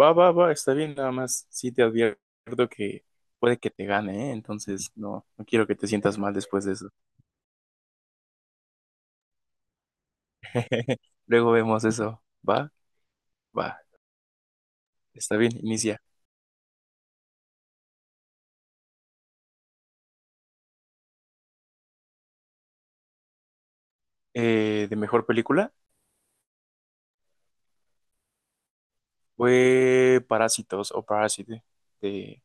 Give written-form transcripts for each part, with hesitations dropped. Va, va, va, está bien, nada más. Sí te advierto que puede que te gane, ¿eh? Entonces no, no quiero que te sientas mal después de eso. Luego vemos eso. Va, va, está bien, inicia. De mejor película fue Parásitos o Parásite. de-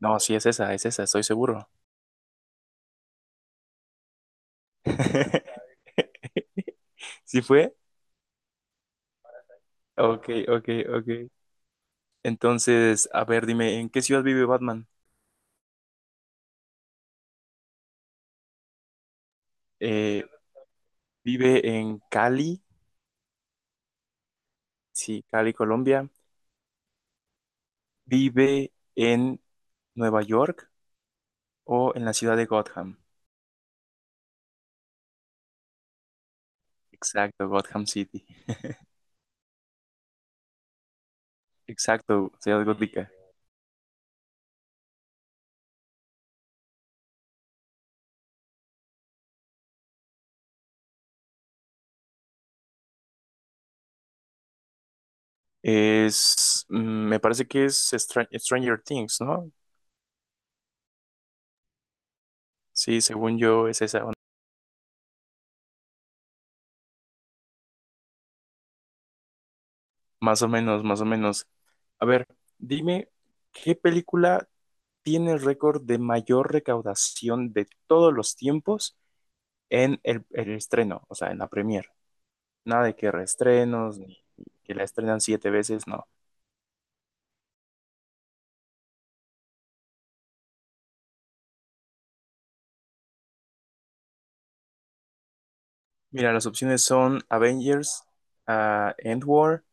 No, sí es esa, estoy seguro. ¿Sí fue? Ok, ok, ok. Entonces, a ver, dime, ¿en qué ciudad vive Batman? Eh, ¿Vive en Cali? Sí, Cali, Colombia. Vive en Nueva York o en la ciudad de Gotham. Exacto, Gotham City. Exacto, ciudad gótica. Es, mm, me parece que es Stranger Things, ¿no? Sí, según yo es esa onda. Más o menos, más o menos. A ver, dime, ¿qué película tiene el récord de mayor recaudación de todos los tiempos en el estreno? O sea, en la premier. Nada de que reestrenos, ni que la estrenan siete veces, no. Mira, las opciones son Avengers, End War,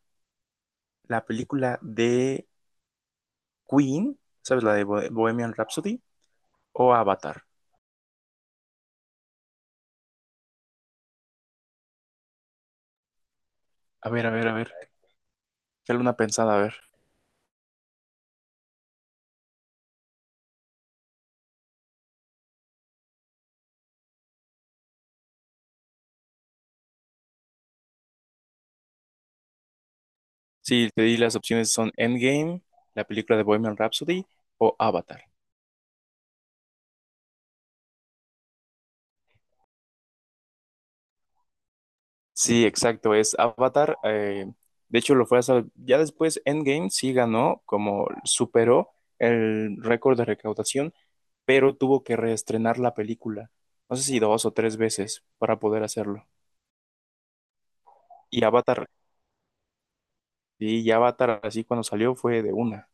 la película de Queen, ¿sabes? La de Bohemian Rhapsody o Avatar. A ver, a ver, a ver. Dale una pensada, a ver. Sí, te di las opciones son Endgame, la película de Bohemian Rhapsody o Avatar. Sí, exacto, es Avatar. De hecho, lo fue hasta ya después Endgame sí ganó, como superó el récord de recaudación, pero tuvo que reestrenar la película. No sé si dos o tres veces para poder hacerlo. Y Avatar, y Avatar así cuando salió fue de una.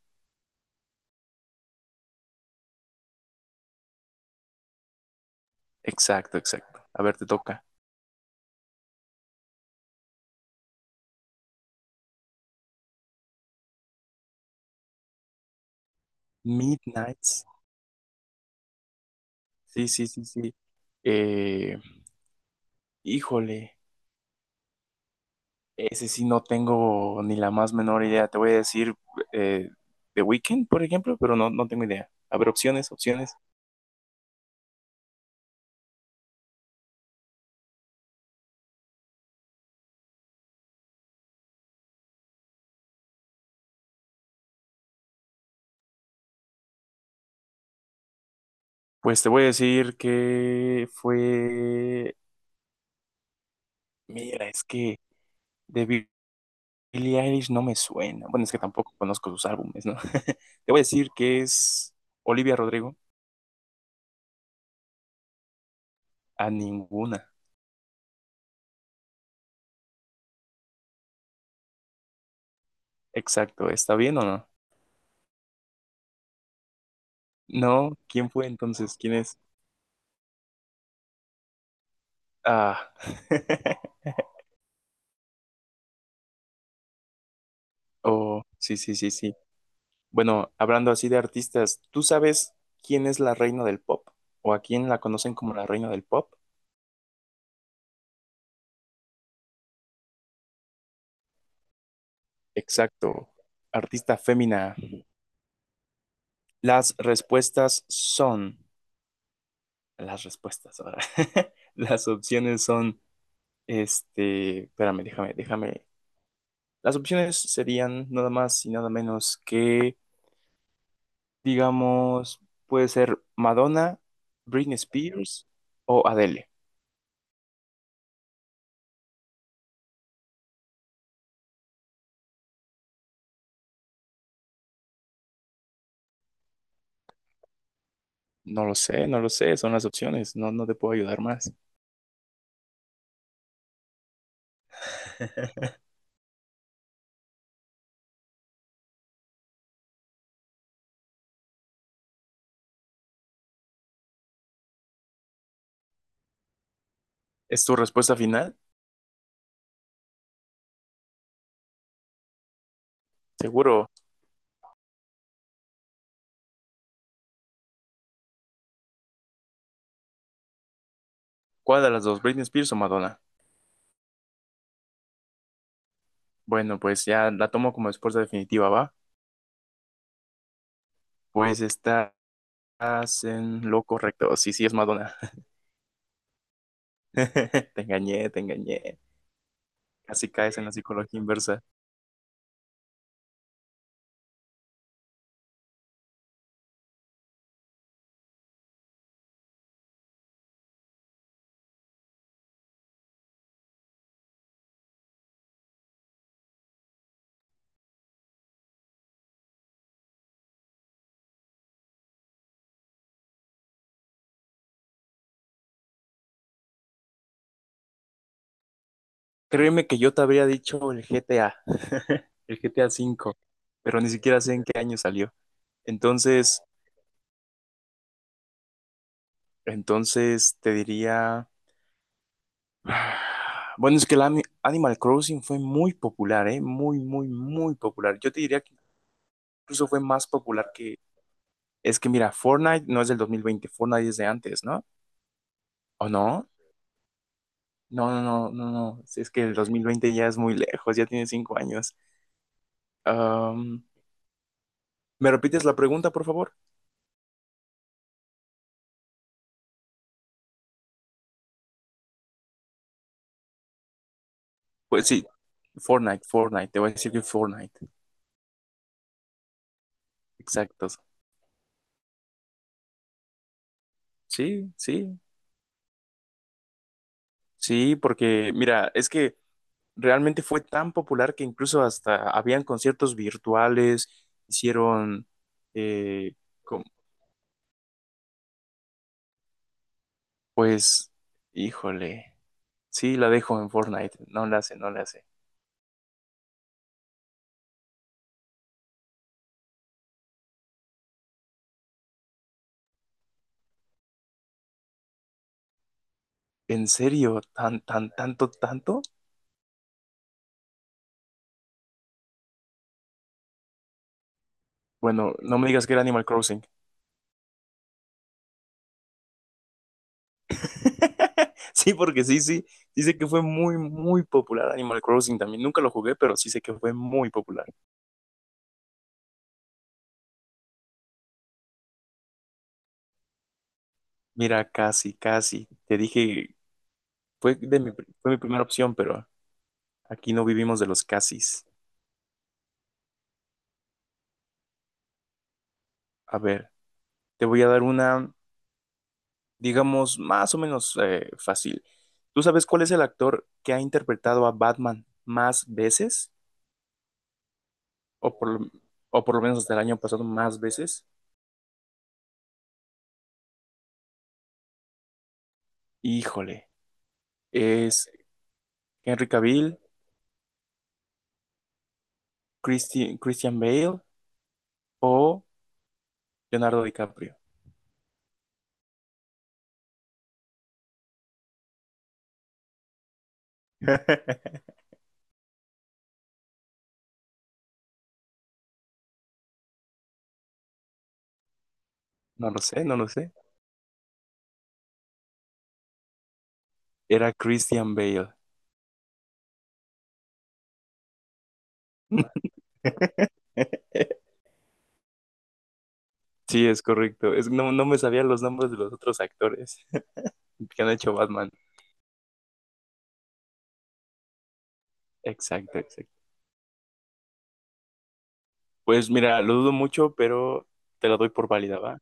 Exacto, exacto. A ver, te toca. Midnights. Sí, sí, sí, sí. Eh, híjole, ese sí no tengo ni la más menor idea. Te voy a decir eh, The Weeknd, por ejemplo, pero no, no tengo idea. A ver, opciones, opciones. Pues te voy a decir que fue... Mira, es que de Billie Eilish no me suena. Bueno, es que tampoco conozco sus álbumes, ¿no? Te voy a decir que es Olivia Rodrigo. A ninguna. Exacto. ¿Está bien o no? No, ¿quién fue entonces? ¿Quién es? Ah. Oh, sí, sí, sí, sí. Bueno, hablando así de artistas, ¿tú sabes quién es la reina del pop? ¿O a quién la conocen como la reina del pop? Exacto. Artista fémina. Las respuestas son. Las respuestas ahora. Las opciones son. Este. Espérame, déjame, déjame. Las opciones serían nada más y nada menos que. Digamos, puede ser Madonna, Britney Spears o Adele. No lo sé, no lo sé, son las opciones, no, no te puedo ayudar más. ¿Es tu respuesta final? Seguro. ¿Cuál de las dos, Britney Spears o Madonna? Bueno, pues ya la tomo como respuesta definitiva, ¿va? Pues estás en lo correcto. Sí, sí, es Madonna. Te engañé, te engañé. Casi caes en la psicología inversa. Créeme que yo te habría dicho el GTA, el GTA 5, pero ni siquiera sé en qué año salió. Entonces, Entonces te diría, bueno, es que el Animal Crossing fue muy popular, ¿eh? Muy, muy, muy popular. Yo te diría que incluso fue más popular que, es que mira, Fortnite no es del 2020. Fortnite es de antes, ¿no? ¿O no? No, no, no, no, no. Si, es que el 2020 ya es muy lejos, ya tiene 5 años. Am, ¿Me repites la pregunta, por favor? Pues sí, Fortnite, Fortnite, te voy a decir que Fortnite. Exactos. Sí, sí, sí, porque mira, es que... realmente fue tan popular que incluso hasta habían conciertos virtuales, hicieron, eh, com- pues, híjole, sí, la dejo en Fortnite, no la hace, no la hace. ¿En serio? ¿Tan, tan, tanto, tanto? Bueno, no me digas que era Animal Crossing. Sí, porque sí, sí, sí sé que fue muy, muy popular Animal Crossing también. Nunca lo jugué, pero sí sé que fue muy popular. Mira, casi, casi. Te dije, fue, de mi, fue mi primera opción, pero aquí no vivimos de los casis. A ver, te voy a dar una, digamos, más o menos fácil. ¿Tú sabes cuál es el actor que ha interpretado a Batman más veces? O por, lo- o por lo menos hasta el año pasado más veces. Híjole, ¿es Henry Cavill, Christian Bale o Leonardo DiCaprio? No lo sé, no lo sé. Era Christian Bale. Sí, es correcto. No, no me sabía los nombres de los otros actores que han hecho Batman. Exacto, exacto. Pues mira, lo dudo mucho, pero te la doy por válida, ¿va?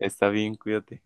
Está bien, cuídate.